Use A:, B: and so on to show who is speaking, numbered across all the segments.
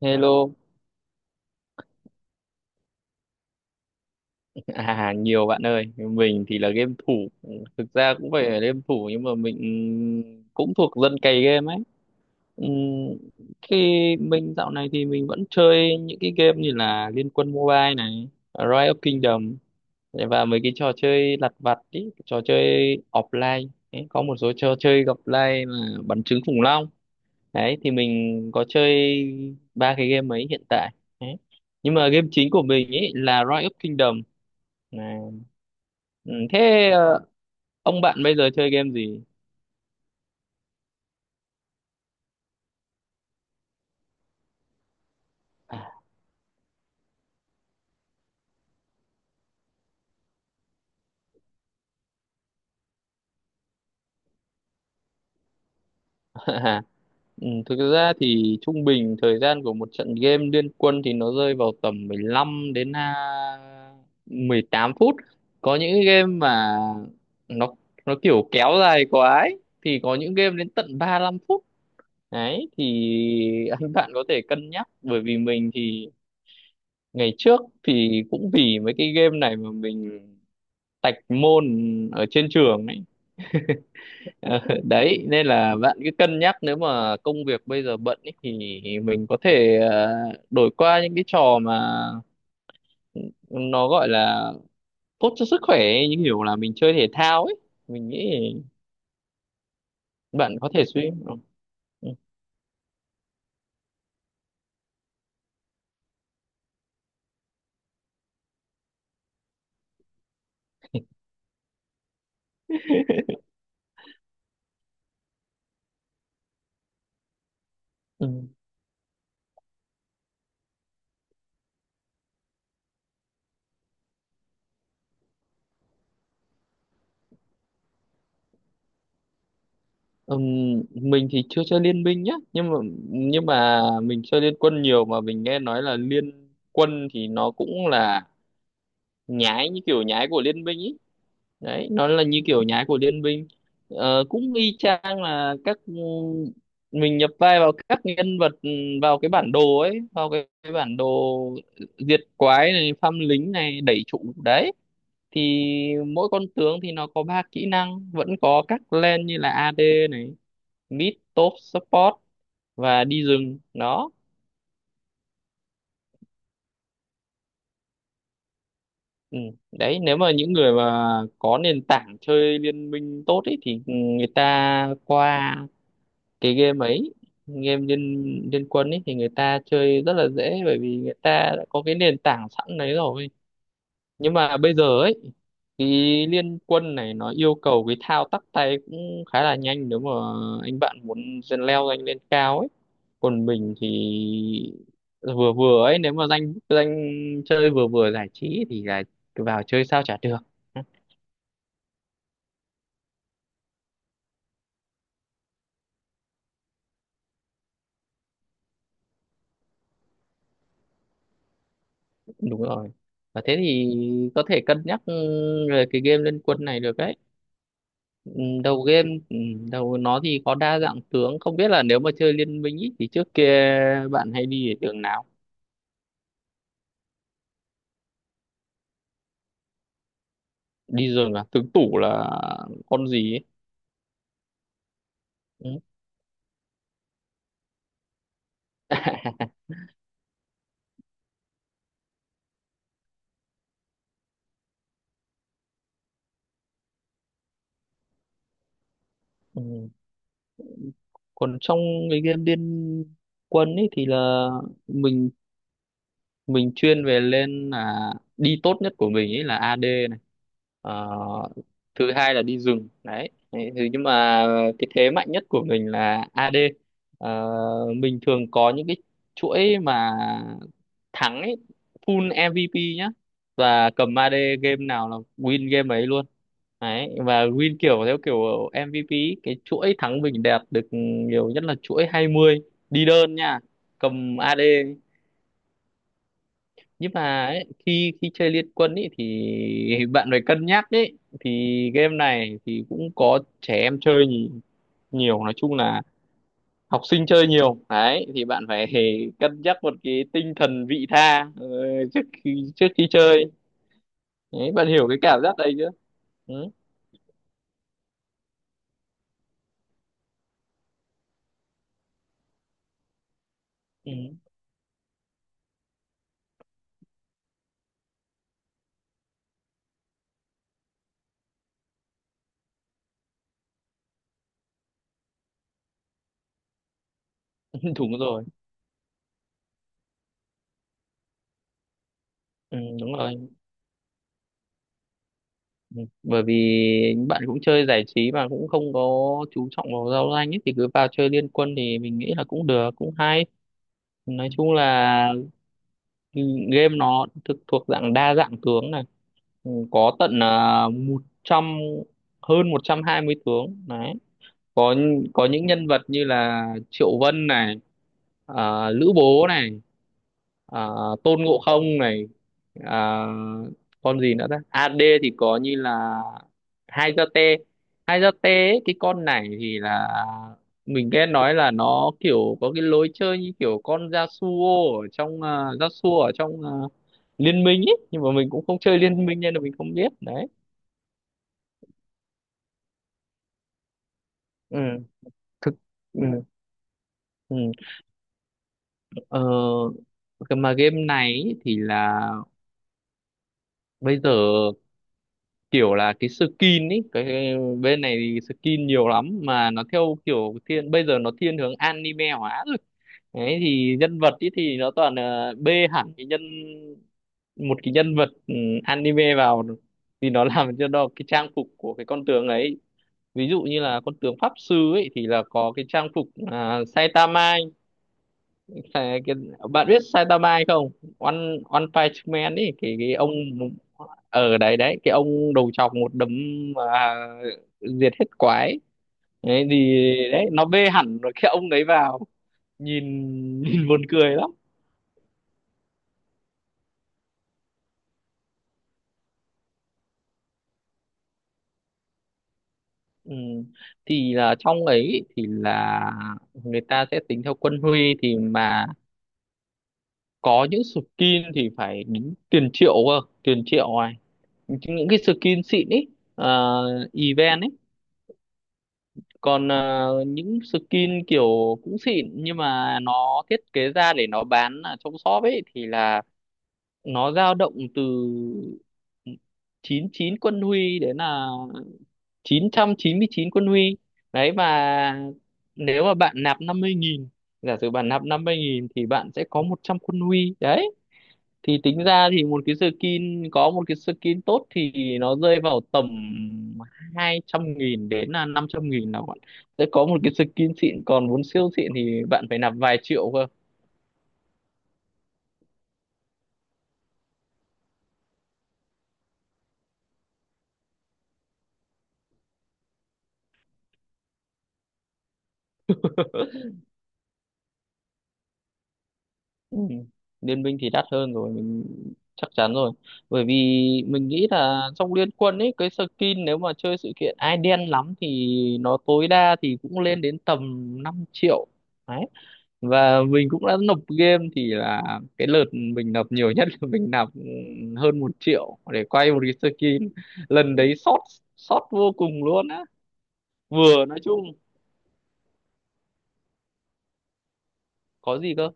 A: Hello, à nhiều bạn ơi, mình thì là game thủ, thực ra cũng phải là game thủ nhưng mà mình cũng thuộc dân cày game ấy. Ừm, Khi mình dạo này thì mình vẫn chơi những cái game như là Liên Quân Mobile này, Rise of Kingdom và mấy cái trò chơi lặt vặt ý, trò chơi offline. Đấy, có một số trò chơi offline là bắn trứng khủng long. Đấy thì mình có chơi ba cái game ấy hiện tại. Đấy. Nhưng mà game chính của mình ấy là Rise of Kingdom. Ừ, thế ông bạn bây giờ chơi game gì? Ừ, thực ra thì trung bình thời gian của một trận game liên quân thì nó rơi vào tầm 15 đến 18 phút. Có những game mà nó nó kiểu kéo dài quá ấy, thì có những game đến tận 35 phút. Đấy thì anh bạn có thể cân nhắc bởi vì mình thì ngày trước thì cũng vì mấy cái game này mà mình tạch môn ở trên trường ấy. Ờ, đấy nên là bạn cứ cân nhắc nếu mà công việc bây giờ bận ý, thì mình có thể đổi qua những cái trò mà nó gọi là tốt cho sức khỏe ấy, như kiểu là mình chơi thể thao ấy mình nghĩ bạn có thể Ừ. Ừ. Ừm, mình thì chưa chơi liên minh nhá nhưng mà mình chơi liên quân nhiều mà mình nghe nói là liên quân thì nó cũng là nhái như kiểu nhái của liên minh ý, đấy nó là như kiểu nhái của Liên Minh. Ờ, cũng y chang là các mình nhập vai vào các nhân vật, vào cái bản đồ ấy, vào cái bản đồ diệt quái này, phăm lính này, đẩy trụ đấy, thì mỗi con tướng thì nó có ba kỹ năng, vẫn có các lane như là AD này, mid top support và đi rừng đó. Ừ, đấy nếu mà những người mà có nền tảng chơi liên minh tốt ấy, thì người ta qua cái game ấy, game liên liên quân ấy, thì người ta chơi rất là dễ bởi vì người ta đã có cái nền tảng sẵn đấy rồi. Nhưng mà bây giờ ấy, cái liên quân này nó yêu cầu cái thao tác tay cũng khá là nhanh nếu mà anh bạn muốn dần leo anh lên cao ấy, còn mình thì vừa vừa ấy, nếu mà danh danh chơi vừa vừa giải trí thì là vào chơi sao chả được. Đúng rồi, và thế thì có thể cân nhắc về cái game liên quân này được đấy. Ừ, đầu game, đầu nó thì có đa dạng tướng, không biết là nếu mà chơi liên minh ý, thì trước kia bạn hay đi ở đường nào? Đi rừng à, tướng tủ là con gì ấy? Ừ. Ừ. Còn trong cái game liên quân ấy thì là mình mình chuyên về lên, là đi tốt nhất của mình ấy là AD. Ờ, thứ hai là đi rừng đấy. Đấy, thế nhưng mà cái thế mạnh nhất của mình là AD. Ờ, mình thường có những cái chuỗi mà thắng ấy, full MVP nhá, và cầm AD game nào là win game ấy luôn đấy, và win kiểu theo kiểu MVP ý, cái chuỗi thắng bình đẹp được nhiều nhất là chuỗi 20, đi đơn nha, cầm AD. Nhưng mà ấy, khi khi chơi Liên Quân ấy thì bạn phải cân nhắc ấy, thì game này thì cũng có trẻ em chơi nhiều, nói chung là học sinh chơi nhiều đấy, thì bạn phải cân nhắc một cái tinh thần vị tha trước khi chơi. Đấy, bạn hiểu cái cảm giác đấy chưa? Ừ. Ừ. Đúng rồi. Ừ, đúng rồi. Ừ, bởi vì bạn cũng chơi giải trí mà cũng không có chú trọng vào giao danh ấy, thì cứ vào chơi Liên Quân thì mình nghĩ là cũng được, cũng hay. Nói chung là, ừ, game nó thực thuộc dạng đa dạng tướng này. Ừ, có tận 100 hơn 120 tướng đấy, có có những nhân vật như là Triệu Vân này, Lữ Bố này, ờ, Tôn Ngộ Không này, ờ, con gì nữa ta? AD thì có như là Hai Gia Tê. Hai Gia Tê ấy, cái con này thì là mình nghe nói là nó kiểu có cái lối chơi như kiểu con Yasuo ở trong, liên minh ấy, nhưng mà mình cũng không chơi liên minh nên là mình không biết đấy. Ừ, thực, ừ, ừ. Ờ, cái mà game này ý thì là bây giờ, kiểu là cái skin ấy, cái bên này thì skin nhiều lắm mà nó theo kiểu thiên, bây giờ nó thiên hướng anime hóa rồi. Đấy, thì nhân vật ấy thì nó toàn là bê hẳn cái nhân một cái nhân vật, anime vào, thì nó làm cho nó cái trang phục của cái con tướng ấy. Ví dụ như là con tướng pháp sư ấy thì là có cái trang phục, Saitama ấy. Cái, cái, bạn biết Saitama hay không? One One Punch Man ấy, cái ông ở đấy đấy, cái ông đầu chọc một đấm mà diệt hết quái đấy, thì đấy nó bê hẳn rồi cái ông đấy vào, nhìn nhìn buồn cười lắm. Ừ, thì là trong ấy thì là người ta sẽ tính theo quân huy, thì mà có những skin thì phải đến tiền triệu cơ, tiền triệu này, những cái skin xịn ấy, event ấy. Còn những skin kiểu cũng xịn nhưng mà nó thiết kế ra để nó bán ở trong shop ấy, thì là nó dao động từ 99 quân huy đến là 999 quân huy đấy, và nếu mà bạn nạp 50 nghìn, giả sử bạn nạp 50 nghìn thì bạn sẽ có 100 quân huy đấy. Thì tính ra thì một cái skin, có một cái skin tốt thì nó rơi vào tầm 200.000 đến là 500.000 là bạn sẽ có một cái skin xịn, còn muốn siêu xịn thì bạn phải nạp vài triệu cơ. Ừ, Liên minh thì đắt hơn rồi, mình chắc chắn rồi, bởi vì mình nghĩ là trong Liên quân ấy cái skin nếu mà chơi sự kiện ai đen lắm thì nó tối đa thì cũng lên đến tầm 5 triệu. Và mình cũng đã nộp game thì là cái lượt mình nộp nhiều nhất là mình nạp hơn 1 triệu để quay một cái skin. Lần đấy sót, sót vô cùng luôn á. Vừa, nói chung, có gì cơ?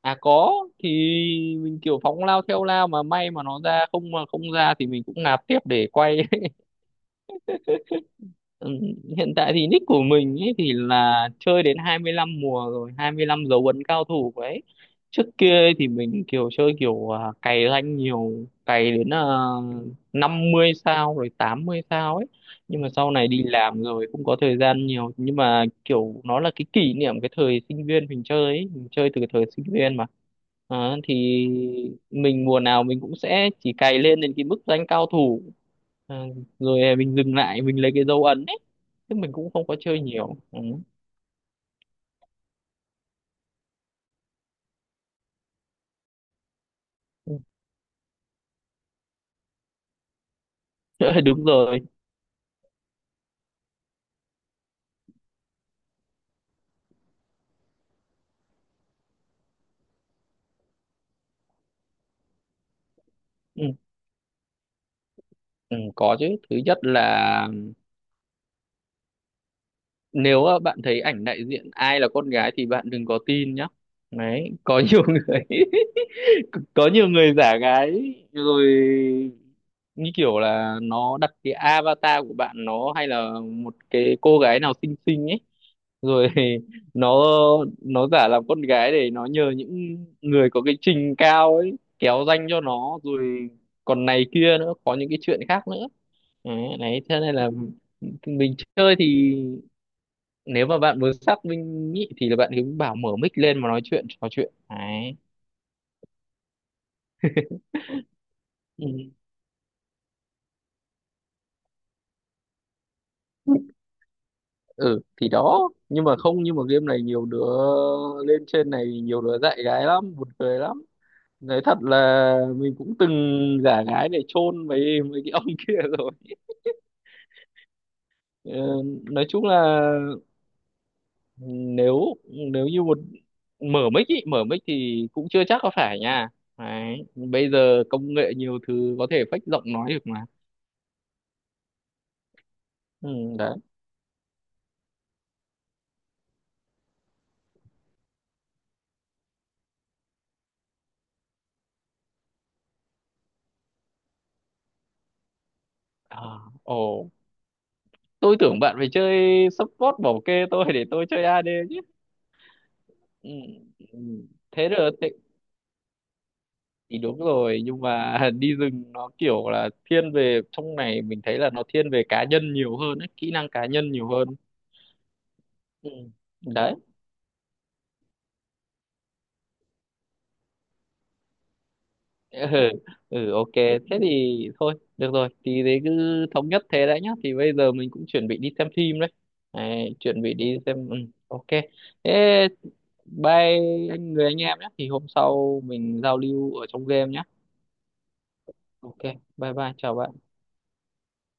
A: À, có. Thì mình kiểu phóng lao theo lao, mà may mà nó ra, không mà không ra thì mình cũng nạp tiếp để quay. Ừm, Hiện tại thì nick của mình ấy thì là chơi đến 25 mùa rồi, 25 dấu ấn cao thủ ấy. Trước kia ấy thì mình kiểu chơi kiểu, cày rank nhiều, cày đến, uh, 50 sao rồi 80 sao ấy, nhưng mà sau này đi làm rồi không có thời gian nhiều, nhưng mà kiểu nó là cái kỷ niệm cái thời sinh viên mình chơi ấy, mình chơi từ cái thời sinh viên mà. Đó, thì mình mùa nào mình cũng sẽ chỉ cày lên đến cái mức rank cao thủ. Ờ, rồi, mình dừng lại, mình lấy cái dấu ấn ấy, chứ mình cũng không có chơi nhiều. Ừ. Ừ, đúng rồi. Ừ. Ừ, có chứ, thứ nhất là nếu bạn thấy ảnh đại diện ai là con gái thì bạn đừng có tin nhá. Đấy, có nhiều người có nhiều người giả gái rồi, như kiểu là nó đặt cái avatar của bạn nó hay là một cái cô gái nào xinh xinh ấy, rồi nó nó giả làm con gái để nó nhờ những người có cái trình cao ấy kéo danh cho nó, rồi còn này kia nữa, có những cái chuyện khác nữa. Đấy, đấy thế nên là mình chơi thì nếu mà bạn muốn xác minh nhị thì là bạn cứ bảo mở mic lên mà nói chuyện, trò chuyện đấy. Ừ, ừ thì đó, nhưng mà không, nhưng mà game này nhiều đứa lên trên này, nhiều đứa dạy gái lắm, buồn cười lắm. Nói thật là mình cũng từng giả gái để chôn mấy mấy cái ông kia rồi. Ờ, nói chung là, ừ, nếu nếu như mở mic ý, mở mic thì cũng chưa chắc có phải nha. Đấy, bây giờ công nghệ nhiều thứ có thể fake giọng nói được mà. Ừ, đấy, à, ồ, tôi tưởng bạn phải chơi support bảo kê tôi để tôi chơi AD chứ. Ừ. Ừ. Thế được thế, thì đúng rồi, nhưng mà đi rừng nó kiểu là thiên về, trong này mình thấy là nó thiên về cá nhân nhiều hơn ấy, kỹ năng cá nhân nhiều hơn. Ừ, đấy. Ừ. Ừ, ok, thế thì thôi được rồi, thì thế cứ thống nhất thế đấy nhá, thì bây giờ mình cũng chuẩn bị đi xem phim đấy, đấy, chuẩn bị đi xem. Ừ. Ok, thế bye anh, người anh em nhé, thì hôm sau mình giao lưu ở trong game nhé. Ok, bye bye, chào bạn.